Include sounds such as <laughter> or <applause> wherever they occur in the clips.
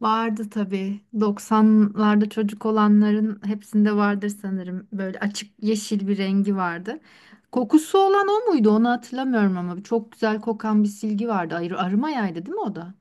Vardı tabii. 90'larda çocuk olanların hepsinde vardır sanırım. Böyle açık yeşil bir rengi vardı. Kokusu olan o muydu? Onu hatırlamıyorum ama çok güzel kokan bir silgi vardı. Arıma yaydı değil mi o da?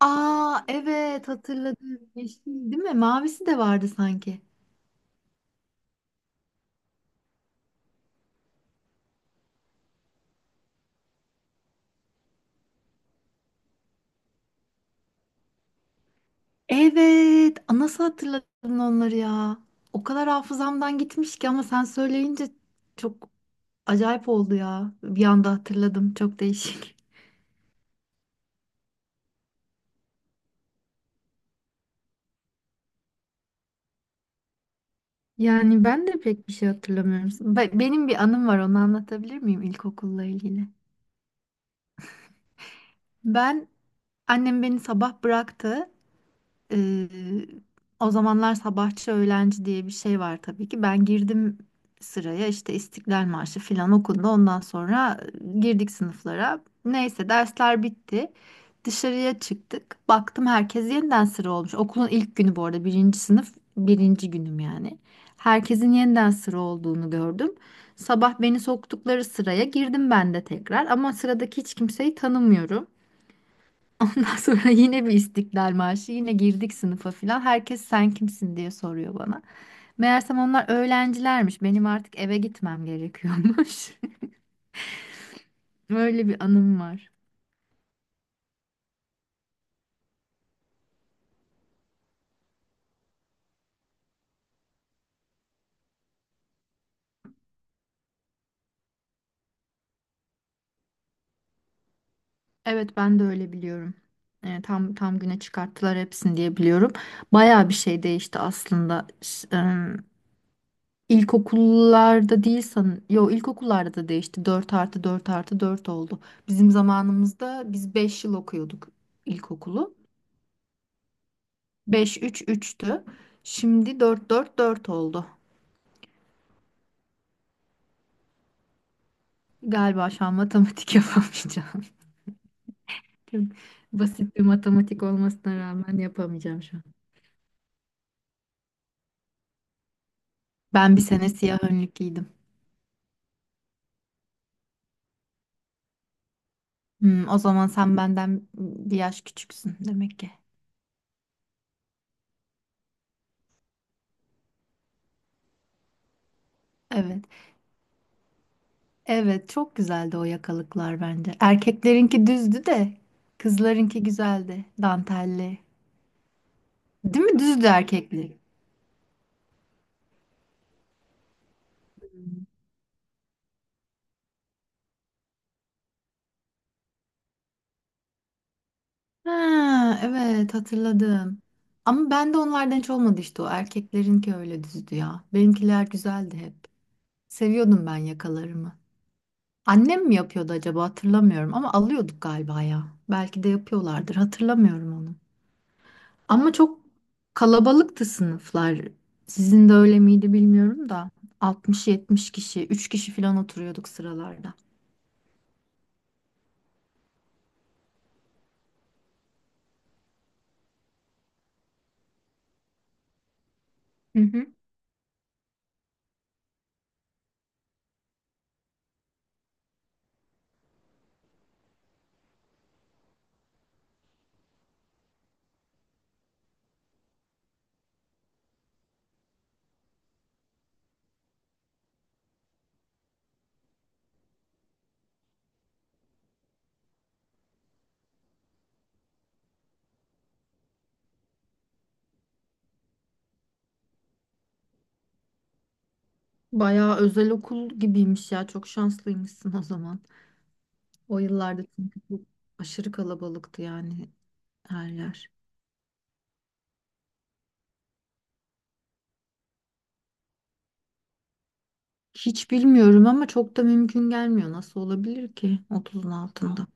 Aa evet hatırladım. Yeşil değil mi? Mavisi de vardı sanki. Evet. Aa, nasıl hatırladın onları ya? O kadar hafızamdan gitmiş ki ama sen söyleyince çok acayip oldu ya. Bir anda hatırladım. Çok değişik. Yani ben de pek bir şey hatırlamıyorum. Benim bir anım var, onu anlatabilir miyim ilkokulla ilgili? Ben Annem beni sabah bıraktı. Ee, O zamanlar sabahçı öğlenci diye bir şey var tabii ki. Ben girdim sıraya işte İstiklal Marşı filan okundu. Ondan sonra girdik sınıflara. Neyse dersler bitti. Dışarıya çıktık. Baktım herkes yeniden sıra olmuş. Okulun ilk günü bu arada, birinci sınıf birinci günüm yani. Herkesin yeniden sıra olduğunu gördüm. Sabah beni soktukları sıraya girdim ben de tekrar ama sıradaki hiç kimseyi tanımıyorum. Ondan sonra <laughs> yine bir İstiklal Marşı, yine girdik sınıfa filan. Herkes sen kimsin diye soruyor bana. Meğersem onlar öğrencilermiş. Benim artık eve gitmem gerekiyormuş. <laughs> Öyle bir anım var. Evet ben de öyle biliyorum. Tam güne çıkarttılar hepsini diye biliyorum. Bayağı bir şey değişti aslında. İlkokullarda değil sanırım. Yo, ilkokullarda da değişti. 4+4+4 oldu. Bizim zamanımızda biz 5 yıl okuyorduk ilkokulu. Beş üç üçtü. Şimdi dört dört dört oldu. Galiba şu an matematik <laughs> yapamayacağım. Çok basit bir matematik olmasına rağmen yapamayacağım şu an. Ben bir sene siyah önlük giydim. O zaman sen benden bir yaş küçüksün demek ki. Evet. Evet, çok güzeldi o yakalıklar bence. Erkeklerinki düzdü de kızlarınki güzeldi. Dantelli. Değil mi? Düzdü erkekli. Ha, evet hatırladım. Ama ben de onlardan hiç olmadı, işte o erkeklerinki öyle düzdü ya. Benimkiler güzeldi hep. Seviyordum ben yakalarımı. Annem mi yapıyordu acaba, hatırlamıyorum ama alıyorduk galiba ya. Belki de yapıyorlardır, hatırlamıyorum onu. Ama çok kalabalıktı sınıflar. Sizin de öyle miydi bilmiyorum da, 60-70 kişi, 3 kişi falan oturuyorduk sıralarda. Hı hı. Bayağı özel okul gibiymiş ya. Çok şanslıymışsın o zaman. O yıllarda çünkü çok aşırı kalabalıktı yani her yer. Hiç bilmiyorum ama çok da mümkün gelmiyor. Nasıl olabilir ki 30'un altında?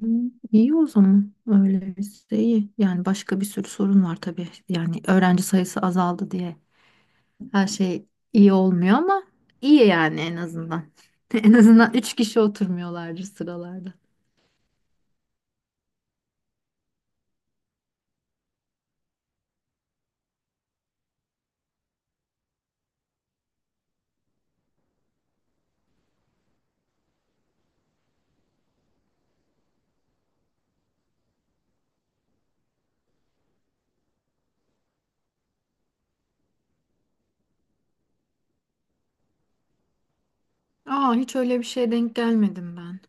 Hı, İyi o zaman. Öyleyse iyi. Yani başka bir sürü sorun var tabii. Yani öğrenci sayısı azaldı diye her şey iyi olmuyor ama iyi yani, en azından. <laughs> En azından 3 kişi oturmuyorlardır sıralarda. Aa, hiç öyle bir şeye denk gelmedim ben.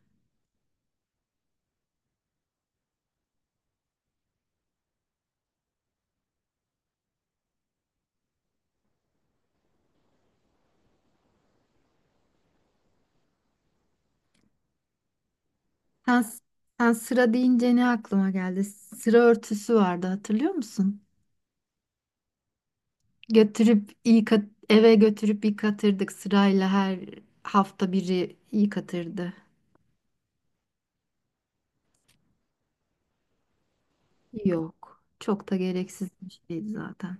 Sen, sen sıra deyince ne aklıma geldi? Sıra örtüsü vardı, hatırlıyor musun? Eve götürüp yıkatırdık sırayla, her hafta biri yıkatırdı. Yok. Çok da gereksiz bir şeydi zaten.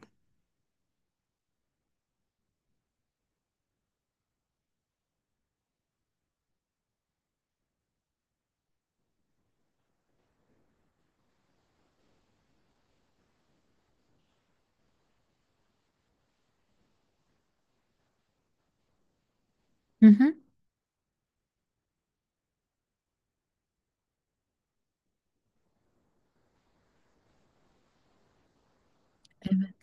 Hı hı. Evet.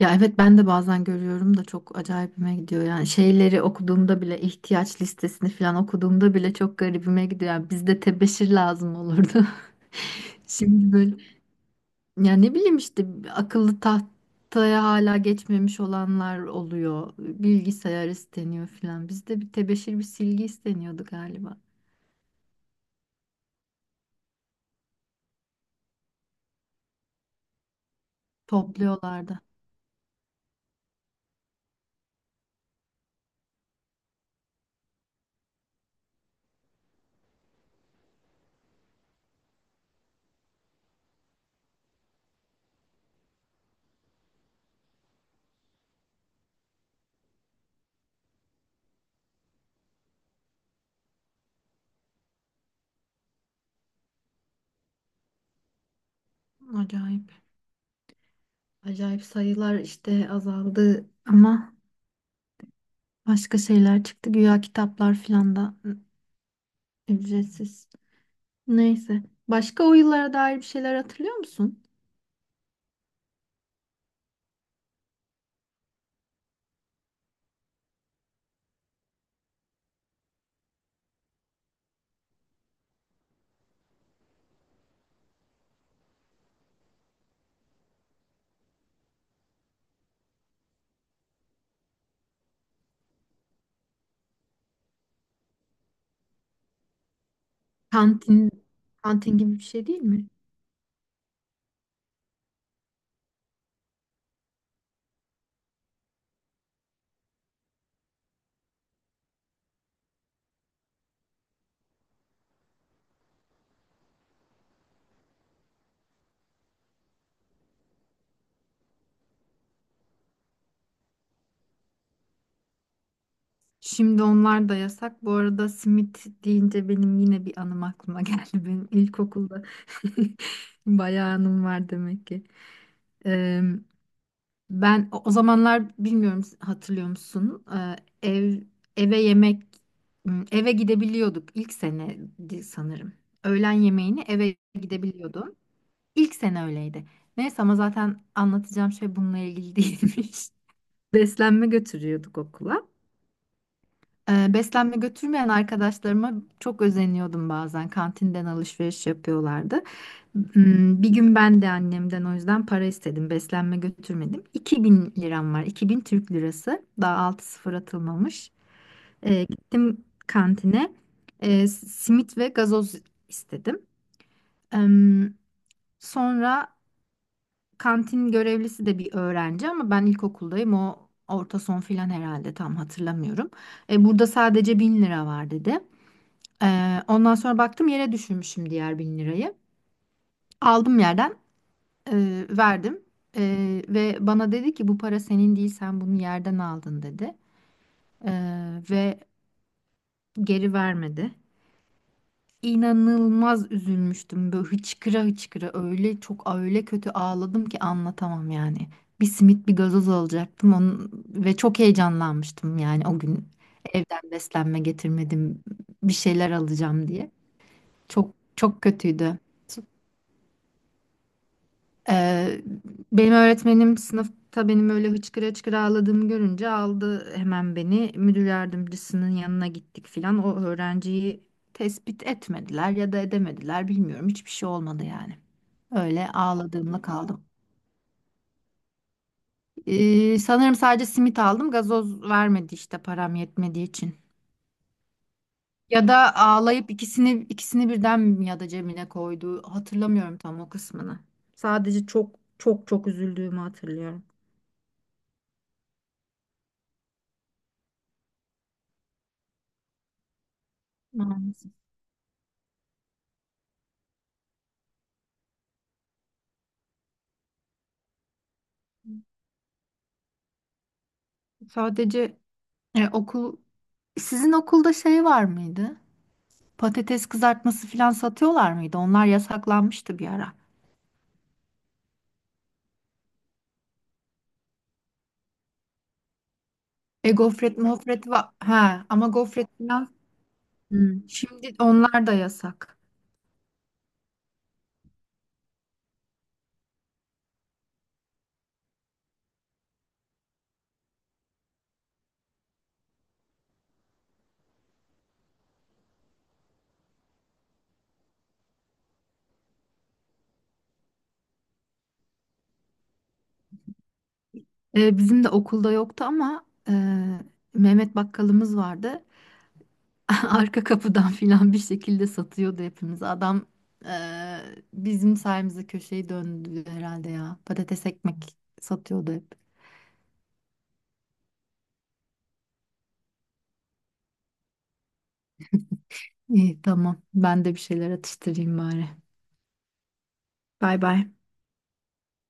Ya evet, ben de bazen görüyorum da çok acayipime gidiyor. Yani şeyleri okuduğumda bile, ihtiyaç listesini falan okuduğumda bile çok garibime gidiyor. Yani bizde tebeşir lazım olurdu. <laughs> Şimdi böyle Yani ne bileyim, işte akıllı tahtaya hala geçmemiş olanlar oluyor. Bilgisayar isteniyor filan. Bizde bir tebeşir bir silgi isteniyordu galiba. Topluyorlardı. Acayip. Acayip, sayılar işte azaldı ama başka şeyler çıktı. Güya kitaplar filan da ücretsiz. Neyse. Başka o yıllara dair bir şeyler hatırlıyor musun? Kantin, kantin gibi bir şey değil mi? Şimdi onlar da yasak. Bu arada simit deyince benim yine bir anım aklıma geldi. <laughs> Benim ilkokulda <laughs> bayağı anım var demek ki. Ee, Ben o zamanlar bilmiyorum, hatırlıyor musun? Ev eve yemek m, Eve gidebiliyorduk ilk sene sanırım. Öğlen yemeğini eve gidebiliyordum. İlk sene öyleydi. Neyse, ama zaten anlatacağım şey bununla ilgili değilmiş. <laughs> Beslenme götürüyorduk okula. Beslenme götürmeyen arkadaşlarıma çok özeniyordum bazen. Kantinden alışveriş yapıyorlardı. Bir gün ben de annemden o yüzden para istedim. Beslenme götürmedim. 2.000 liram var. 2.000 Türk lirası. Daha 6 sıfır atılmamış. Gittim kantine. Simit ve gazoz istedim. Em, Sonra, kantin görevlisi de bir öğrenci ama ben ilkokuldayım. O orta son filan herhalde, tam hatırlamıyorum. Burada sadece 1.000 lira var, dedi. Ondan sonra baktım, yere düşürmüşüm diğer 1.000 lirayı. Aldım yerden, verdim ve bana dedi ki bu para senin değil, sen bunu yerden aldın dedi. Ve geri vermedi. İnanılmaz üzülmüştüm, böyle hıçkıra hıçkıra, öyle çok öyle kötü ağladım ki anlatamam yani. Bir simit bir gazoz alacaktım ve çok heyecanlanmıştım yani, o gün evden beslenme getirmedim bir şeyler alacağım diye. Çok çok kötüydü. Ee, Benim öğretmenim sınıfta benim öyle hıçkıra hıçkıra ağladığımı görünce aldı hemen beni, müdür yardımcısının yanına gittik filan. O öğrenciyi tespit etmediler ya da edemediler, bilmiyorum. Hiçbir şey olmadı yani. Öyle ağladığımla kaldım. Sanırım sadece simit aldım. Gazoz vermedi işte, param yetmediği için. Ya da ağlayıp ikisini birden mi ya da cebine koydu, hatırlamıyorum tam o kısmını. Sadece çok çok çok üzüldüğümü hatırlıyorum. Maalesef. Sadece e, okul Sizin okulda şey var mıydı? Patates kızartması falan satıyorlar mıydı? Onlar yasaklanmıştı bir ara. Gofret mofret var. Ha, ama gofret falan. Hmm. Şimdi onlar da yasak. Bizim de okulda yoktu ama Mehmet bakkalımız vardı. <laughs> Arka kapıdan falan bir şekilde satıyordu hepimiz. Adam, e, bizim sayemizde köşeyi döndü herhalde ya. Patates ekmek satıyordu hep. İyi tamam. Ben de bir şeyler atıştırayım bari. Bay bay.